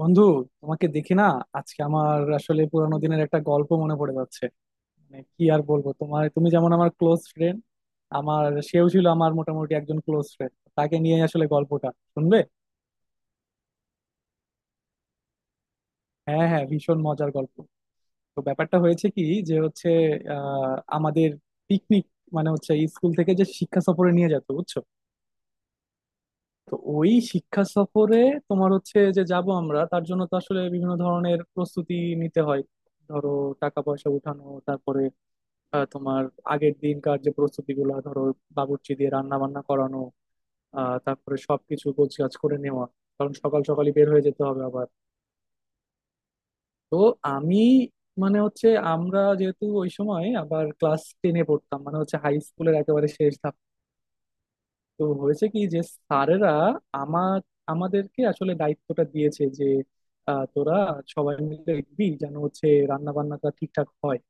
বন্ধু, তোমাকে দেখি না। আজকে আমার আসলে পুরানো দিনের একটা গল্প মনে পড়ে যাচ্ছে। মানে কি আর বলবো, তোমার তুমি যেমন আমার ক্লোজ ফ্রেন্ড, আমার সেও ছিল আমার মোটামুটি একজন ক্লোজ ফ্রেন্ড। তাকে নিয়ে আসলে গল্পটা। শুনবে? হ্যাঁ, হ্যাঁ, ভীষণ মজার গল্প। তো ব্যাপারটা হয়েছে কি, যে হচ্ছে আমাদের পিকনিক, মানে হচ্ছে স্কুল থেকে যে শিক্ষা সফরে নিয়ে যেত, বুঝছো। তো ওই শিক্ষা সফরে তোমার হচ্ছে যে যাব আমরা, তার জন্য তো আসলে বিভিন্ন ধরনের প্রস্তুতি নিতে হয়। ধরো, টাকা পয়সা উঠানো, তারপরে তোমার আগের দিনকার যে প্রস্তুতি গুলো, ধরো বাবুর্চি দিয়ে রান্না বান্না করানো, তারপরে সবকিছু গোছগাছ করে নেওয়া, কারণ সকাল সকালই বের হয়ে যেতে হবে আবার। তো আমি মানে হচ্ছে আমরা যেহেতু ওই সময় আবার ক্লাস 10-এ পড়তাম, মানে হচ্ছে হাই স্কুলের একেবারে শেষ ধাপ। তো হয়েছে কি যে স্যারেরা আমার আমাদেরকে আসলে দায়িত্বটা দিয়েছে যে তোরা সবাই মিলে দেখবি যেন হচ্ছে রান্না বান্নাটা ঠিকঠাক হয়,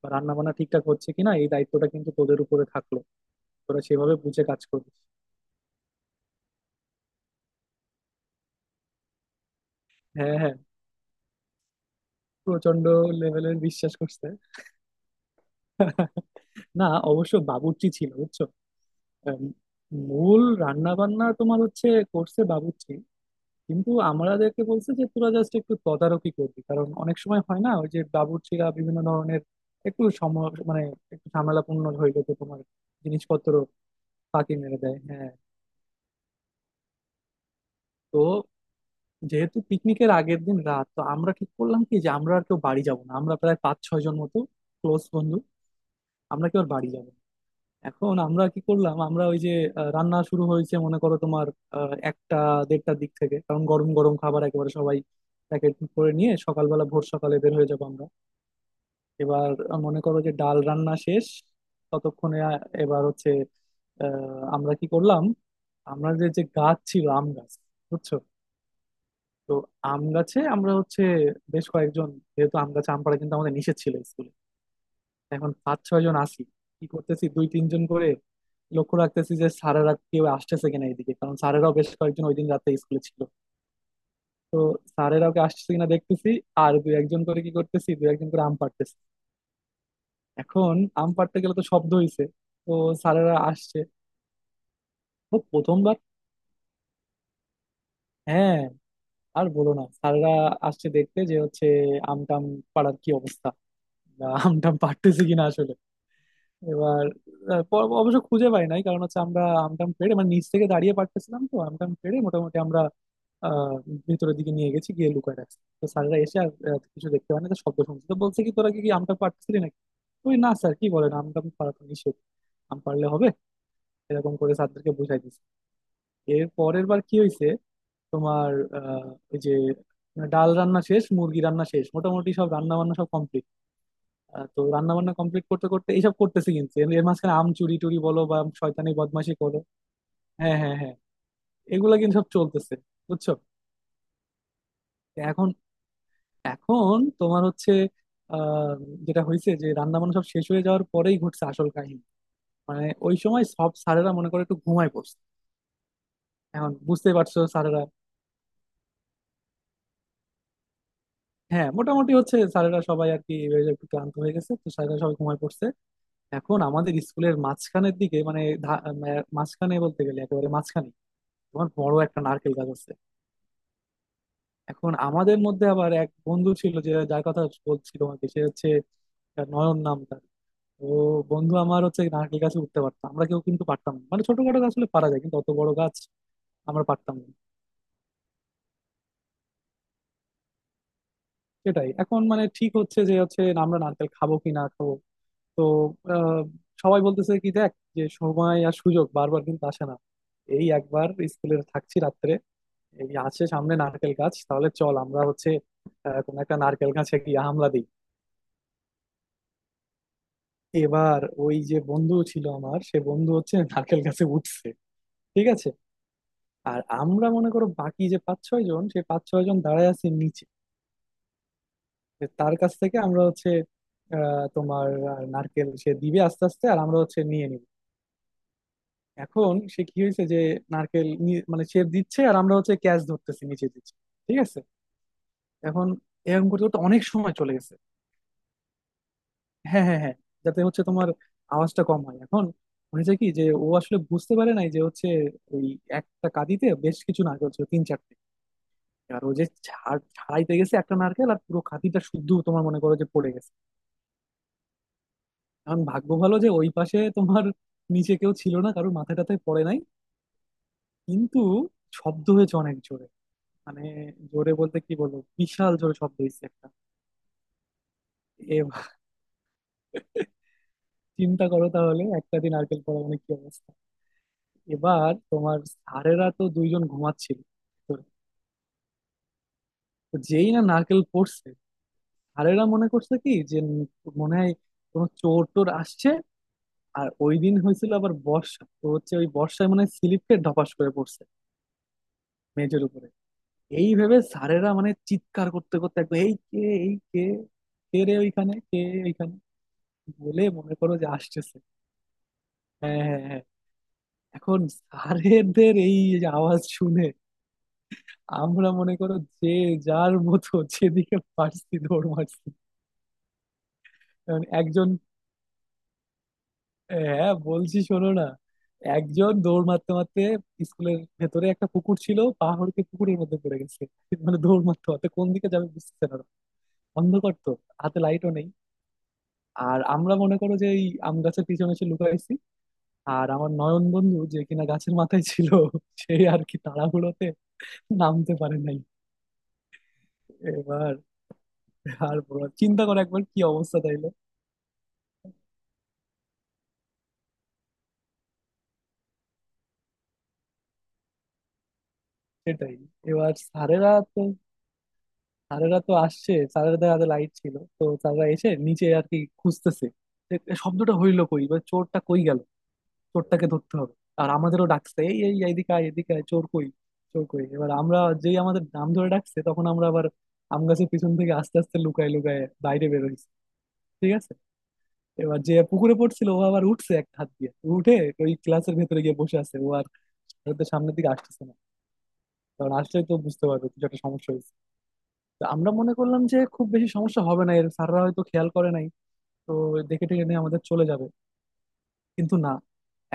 বা রান্না বান্না ঠিকঠাক হচ্ছে কিনা এই দায়িত্বটা কিন্তু তোদের উপরে থাকলো, তোরা সেভাবে বুঝে কাজ করবি। হ্যাঁ, হ্যাঁ, প্রচন্ড লেভেলের বিশ্বাস করছে। না, অবশ্য বাবুর্চি ছিল, বুঝছো। আম, মূল রান্না বান্না তোমার হচ্ছে করছে বাবুর্চি, কিন্তু আমাদেরকে বলছে যে তোরা জাস্ট একটু তদারকি করবি, কারণ অনেক সময় হয় না ওই যে বাবুর্চিরা বিভিন্ন ধরনের একটু সম মানে একটু ঝামেলাপূর্ণ হইলে তো তোমার জিনিসপত্র ফাঁকি মেরে দেয়, হ্যাঁ। তো যেহেতু পিকনিকের আগের দিন রাত, তো আমরা ঠিক করলাম কি যে আমরা আর কেউ বাড়ি যাব না, আমরা প্রায় পাঁচ ছয় জন মতো ক্লোজ বন্ধু আমরা কি ওর বাড়ি যাব। এখন আমরা কি করলাম, আমরা ওই যে রান্না শুরু হয়েছে মনে করো তোমার একটা 1:30টার দিক থেকে, কারণ গরম গরম খাবার একেবারে সবাই প্যাকেট করে নিয়ে সকালবেলা ভোর সকালে বের হয়ে যাব আমরা। এবার মনে করো যে ডাল রান্না শেষ ততক্ষণে। আহ, এবার হচ্ছে আহ, আমরা কি করলাম, আমরা যে যে গাছ ছিল আম গাছ, বুঝছো। তো আম গাছে আমরা হচ্ছে বেশ কয়েকজন, যেহেতু আম গাছে আম পাড়া কিন্তু আমাদের নিষেধ ছিল স্কুলে। এখন পাঁচ ছয় জন আছি, কি করতেছি দুই তিনজন করে লক্ষ্য রাখতেছি যে স্যারেরা কেউ আসতেছে কিনা এদিকে, কারণ স্যারেরাও বেশ কয়েকজন ওই দিন রাতে স্কুলে ছিল। তো স্যারেরাও কে আসতেছে কিনা দেখতেছি, আর দুই একজন করে কি করতেছি দুই একজন করে আম পাড়তেছি। এখন আম পাড়তে গেলে তো শব্দ হইছে, তো স্যারেরা আসছে। ও প্রথমবার, হ্যাঁ, আর বলো না স্যারেরা আসছে দেখতে যে হচ্ছে আম টাম পাড়ার কি অবস্থা, আম টাম পাড়তেছি কিনা আসলে। এবার অবশ্য খুঁজে পাই নাই, কারণ হচ্ছে আমরা আমটাম পেড়ে মানে নিচ থেকে দাঁড়িয়ে পারতেছিলাম, তো আমটাম পেড়ে মোটামুটি আমরা আহ ভিতরের দিকে নিয়ে গেছি, গিয়ে লুকায় রাখছি। তো স্যাররা এসে আর কিছু দেখতে পায় না, তো শব্দ শুনছে তো বলছে কি তোরা কি কি আমটা পারতেছিলি নাকি। ওই না স্যার কি বলেন, আমটাম পারা তো নিষেধ, আম পারলে হবে। এরকম করে স্যারদেরকে বুঝাই দিছি। এর পরের বার কি হয়েছে, তোমার আহ ওই যে মানে ডাল রান্না শেষ, মুরগি রান্না শেষ, মোটামুটি সব রান্না বান্না সব কমপ্লিট। তো রান্না বান্না কমপ্লিট করতে করতে এইসব করতেছি, কিন্তু এর এর মাঝখানে আম চুরি টুরি বলো বা শয়তানি বদমাশি করো, হ্যাঁ, হ্যাঁ, হ্যাঁ, এগুলা কিন্তু সব চলতেছে, বুঝছো। তো এখন এখন তোমার হচ্ছে আহ যেটা হয়েছে যে রান্না বান্না সব শেষ হয়ে যাওয়ার পরেই ঘটছে আসল কাহিনী। মানে ওই সময় সব স্যারেরা মনে করে একটু ঘুমায় পড়ছে, এখন বুঝতে পারছো স্যারেরা। হ্যাঁ, মোটামুটি হচ্ছে স্যারেরা সবাই আর কি এই একটু ক্লান্ত হয়ে গেছে, তো স্যারেরা সবাই ঘুমায় পড়ছে। এখন আমাদের স্কুলের মাঝখানের দিকে মানে মাঝখানে বলতে গেলে একেবারে মাঝখানে তোমার বড় একটা নারকেল গাছ আছে। এখন আমাদের মধ্যে আবার এক বন্ধু ছিল, যে যার কথা বলছি তোমাকে, সে হচ্ছে তার নয়ন নাম তার। ও বন্ধু আমার হচ্ছে নারকেল গাছে উঠতে পারতাম, আমরা কেউ কিন্তু পারতাম না, মানে ছোটখাটো গাছ হলে পারা যায় কিন্তু অত বড় গাছ আমরা পারতাম না। সেটাই, এখন মানে ঠিক হচ্ছে যে হচ্ছে আমরা নারকেল খাবো কি না খাবো। তো আহ, সবাই বলতেছে কি দেখ, যে সময় আর সুযোগ বারবার কিন্তু আসে না, এই একবার স্কুলে থাকছি রাত্রে, এই আসে সামনে নারকেল গাছ, তাহলে চল আমরা হচ্ছে কোনো একটা নারকেল গাছে গিয়ে হামলা দিই। এবার ওই যে বন্ধু ছিল আমার, সে বন্ধু হচ্ছে নারকেল গাছে উঠছে, ঠিক আছে। আর আমরা মনে করো বাকি যে পাঁচ ছয় জন, সেই পাঁচ ছয় জন দাঁড়ায় আছে নিচে, যে তার কাছ থেকে আমরা হচ্ছে নারকেল সে দিবে আস্তে আস্তে আর আমরা হচ্ছে নিয়ে নিব। এখন সে কি হয়েছে যে নারকেল নি- মানে সে দিচ্ছে আর আমরা হচ্ছে ক্যাচ ধরতেছি নিচে দিচ্ছি, ঠিক আছে। এখন এরকম করতে করতে অনেক সময় চলে গেছে। হ্যাঁ, হ্যাঁ, হ্যাঁ, যাতে হচ্ছে তোমার আওয়াজটা কম হয়। এখন হয়েছে কি যে ও আসলে বুঝতে পারে নাই যে হচ্ছে ওই একটা কাঁদিতে বেশ কিছু নারকেল ছিল তিন চারটে, আর ও যে ঝাড় ছাড়াইতে গেছে একটা নারকেল আর পুরো কাঁদিটা শুদ্ধ তোমার মনে করো যে পড়ে গেছে। এখন ভাগ্য ভালো যে ওই পাশে তোমার নিচে কেউ ছিল না, কারোর মাথায় টাথায় পড়ে নাই, কিন্তু শব্দ হয়েছে অনেক জোরে। মানে জোরে বলতে কি বলবো, বিশাল জোরে শব্দ হয়েছে একটা। এ ভাই, চিন্তা করো তাহলে একটা দিন নারকেল পড়া মানে কি অবস্থা। এবার তোমার স্যারেরা তো দুইজন ঘুমাচ্ছিল ভিতরে। তো যেই না নারকেল পড়ছে, স্যারেরা মনে করছে কি যে উম মনে হয় কোনো চোর টোর আসছে, আর ওই দিন হয়েছিল আবার বর্ষা, তো হচ্ছে ওই বর্ষায় মানে স্লিপ খেয়ে ধপাস করে পড়ছে মেঝের উপরে। এই ভেবে স্যারেরা মানে চিৎকার করতে করতে একদম এই কে, এই কে, কে রে ওইখানে, কে ওইখানে, বলে মনে করো যে আসতেছে। হ্যাঁ, হ্যাঁ, হ্যাঁ, এখন স্যারেদের এই যে আওয়াজ শুনে আমরা মনে করো যে যার মতো যেদিকে পারছি দৌড় মারছি। কারণ একজন হ্যাঁ বলছি শোনো না, একজন দৌড় মারতে মারতে স্কুলের ভেতরে একটা পুকুর ছিল, পাহাড়কে পুকুরের মধ্যে পড়ে গেছে। মানে দৌড় মারতে মারতে কোন দিকে যাবে বুঝতেছে না, অন্ধকার তো, হাতে লাইটও নেই। আর আমরা মনে করো যে এই আম গাছের পিছনে এসে লুকাইছি, আর আমার নয়ন বন্ধু যে কিনা গাছের মাথায় ছিল সে আর কি তাড়াহুড়োতে নামতে পারে নাই। এবার আর বলো, চিন্তা করো একবার কি অবস্থা তাইলে। সেটাই। এবার স্যারেরা তো আসছে, স্যারেদের হাতে লাইট ছিল, তো স্যাররা এসে নিচে আর কি খুঁজতেছে যে এ শব্দটা হইলো কই, বা চোরটা কই গেল, চোরটাকে ধরতে হবে। আর আমাদেরও ডাকছে, এই এই এইদিকে আয়, এদিকে আয়, চোর কই, চোর কই। এবার আমরা যেই আমাদের নাম ধরে ডাকছে, তখন আমরা আবার আম গাছের পিছন থেকে আস্তে আস্তে লুকায় লুকায় বাইরে বেরোইছি, ঠিক আছে। এবার যে পুকুরে পড়ছিল ও আবার উঠছে, এক হাত দিয়ে উঠে ওই ক্লাসের ভেতরে গিয়ে বসে আছে ও, আর স্যারদের সামনের দিকে আসতেছে না, কারণ আসলে তো বুঝতে পারবে কিছু একটা সমস্যা। তো আমরা মনে করলাম যে খুব বেশি সমস্যা হবে না এর, স্যাররা হয়তো খেয়াল করে নাই, তো দেখে টেকে নিয়ে আমাদের চলে যাবে। কিন্তু না,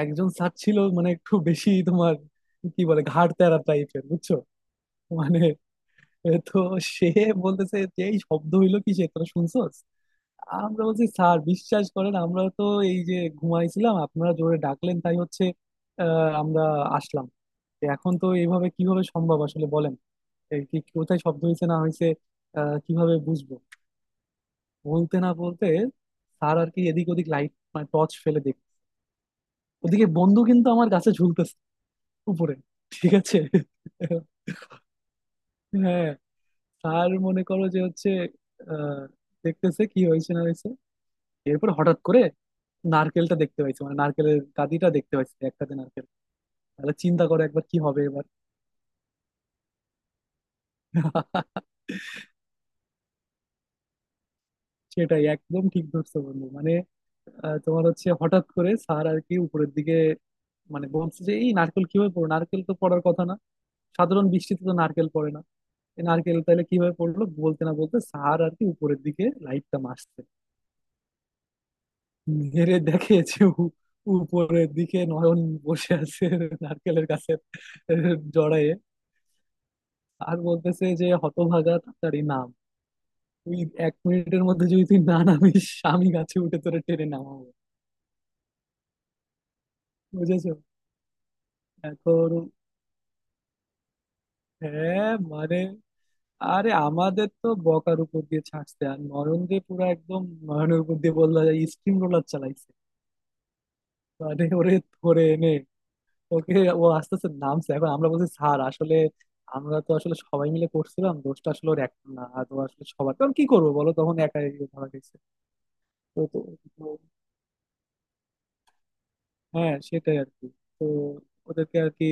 একজন স্যার ছিল মানে একটু বেশি তোমার কি বলে, ঘাড় তেরা টাইপের, বুঝছো। মানে এ তো সে বলতেছে যে এই শব্দ হইলো কি সে, তোরা শুনছোস। আমরা বলছি স্যার বিশ্বাস করেন, আমরা তো এই যে ঘুমাইছিলাম, আপনারা জোরে ডাকলেন তাই হচ্ছে আমরা আসলাম। তো এখন তো এইভাবে কিভাবে সম্ভব আসলে বলেন, এই কি কোথায় শব্দ হয়েছে না হয়েছে কিভাবে বুঝবো। বলতে না বলতে স্যার আর কি এদিক ওদিক লাইট মানে টর্চ ফেলে দেখ। ওদিকে বন্ধু কিন্তু আমার গাছে ঝুলতেছে উপরে, ঠিক আছে। হ্যাঁ, স্যার মনে করো যে হচ্ছে আহ দেখতেছে কি হয়েছে না হয়েছে। এরপর হঠাৎ করে নারকেলটা দেখতে পাইছে, মানে নারকেলের গাদিটা দেখতে পাইছে একটাতে নারকেল। তাহলে চিন্তা করে একবার কি হবে এবার। সেটাই একদম ঠিক ধরছো বন্ধু, মানে তোমার হচ্ছে হঠাৎ করে স্যার আর কি উপরের দিকে মানে বলছে যে এই নারকেল কিভাবে পড়ো, নারকেল তো পড়ার কথা না, সাধারণ বৃষ্টিতে তো নারকেল পড়ে না, এই নারকেল তাহলে কিভাবে পড়লো। বলতে না বলতে স্যার আর কি উপরের দিকে লাইটটা মারছে, মেরে দেখে যে উপরের দিকে নয়ন বসে আছে নারকেলের কাছে জড়ায়ে। আর বলতেছে যে হতভাগা তাড়াতাড়ি নাম তুই, 1 মিনিটের মধ্যে যদি তুই না নামিস, আমি গাছে উঠে তোরে টেনে নামাবো, বুঝেছো। এখন হ্যাঁ মানে আরে আমাদের তো বকার উপর দিয়ে ছাড়ছে, আর নয়ন যে পুরো একদম, নয়নের উপর দিয়ে বললো স্টিম রোলার চালাইছে। মানে ওরে ধরে এনে ওকে, ও আস্তে আস্তে নামছে। এখন আমরা বলছি স্যার আসলে আমরা তো আসলে সবাই মিলে করছিলাম, দোষটা আসলে ওর এক না, আর ও আসলে সবার কারণ কি করবো বলো তখন একাই ধরা গেছে। তো তো তো- হ্যাঁ সেটাই আর কি। তো ওদেরকে আর কি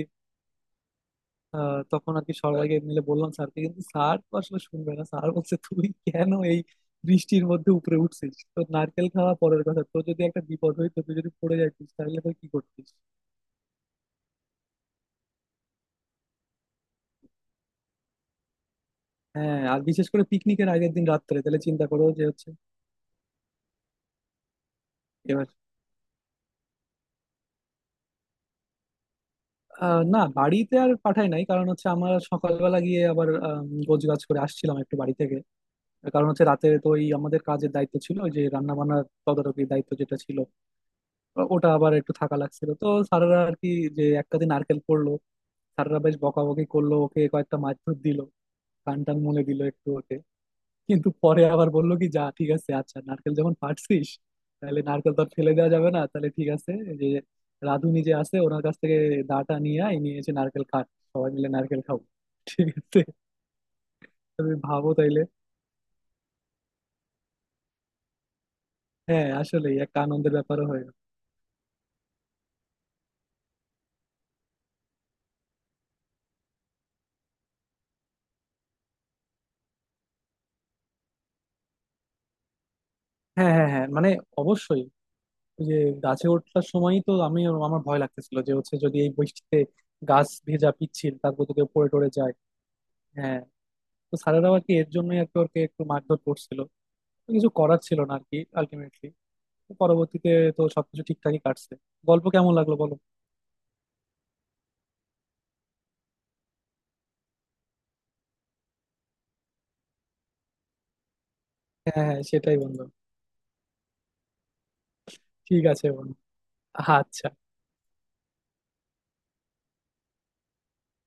তখন আর কি সবাইকে মিলে বললাম স্যারকে, কিন্তু স্যার তো আসলে শুনবে না, স্যার বলছে তুই কেন এই বৃষ্টির মধ্যে উপরে উঠছিস, তো নারকেল খাওয়া পরের কথা তোর যদি একটা বিপদ হইতো, তুই যদি পড়ে যাইতিস তাহলে তুই কি করতিস। হ্যাঁ, আর বিশেষ করে পিকনিকের আগের দিন রাত্রে তাহলে চিন্তা করো যে হচ্ছে। এবার না বাড়িতে আর পাঠাই নাই, কারণ হচ্ছে আমরা সকালবেলা গিয়ে আবার গোছ গাছ করে আসছিলাম একটু বাড়ি থেকে, কারণ হচ্ছে রাতে তো ওই আমাদের কাজের দায়িত্ব ছিল ওই যে রান্না বান্নার তদারকির দায়িত্ব যেটা ছিল, ওটা আবার একটু থাকা লাগছিল। তো স্যারেরা আর কি যে এক কাঁধে নারকেল পড়লো, স্যারেরা বেশ বকাবকি করলো, ওকে কয়েকটা মারধর দিল, কান টান মলে দিল একটু ওকে, কিন্তু পরে আবার বললো কি যা ঠিক আছে, আচ্ছা নারকেল যখন পাড়ছিস তাহলে নারকেল তো আর ফেলে দেওয়া যাবে না, তাহলে ঠিক আছে এই যে রাধুনি যে আছে ওনার কাছ থেকে দাটা নিয়ে আয়, নিয়ে এসে নারকেল কাট, সবাই মিলে নারকেল খাও। ঠিক আছে। তুমি ভাবো তাইলে, হ্যাঁ আসলে একটা আনন্দের ব্যাপারও হয়ে গেল। হ্যাঁ, হ্যাঁ, হ্যাঁ মানে অবশ্যই। ওই যে গাছে ওঠার সময়ই তো আমি, আমার ভয় লাগতেছিল যে হচ্ছে যদি এই বৃষ্টিতে গাছ ভেজা পিচ্ছিল, তারপর যদি কেউ পড়ে টরে যায়, হ্যাঁ। তো স্যারেরাও আর কি এর জন্যই আর কি ওকে একটু মারধর করছিল। তো কিছু করার ছিল না আর কি আলটিমেটলি, পরবর্তীতে তো সবকিছু ঠিকঠাকই কাটছে। গল্প কেমন লাগলো বলো। হ্যাঁ, হ্যাঁ, সেটাই বন্ধু। ঠিক আছে বন্ধু, আচ্ছা।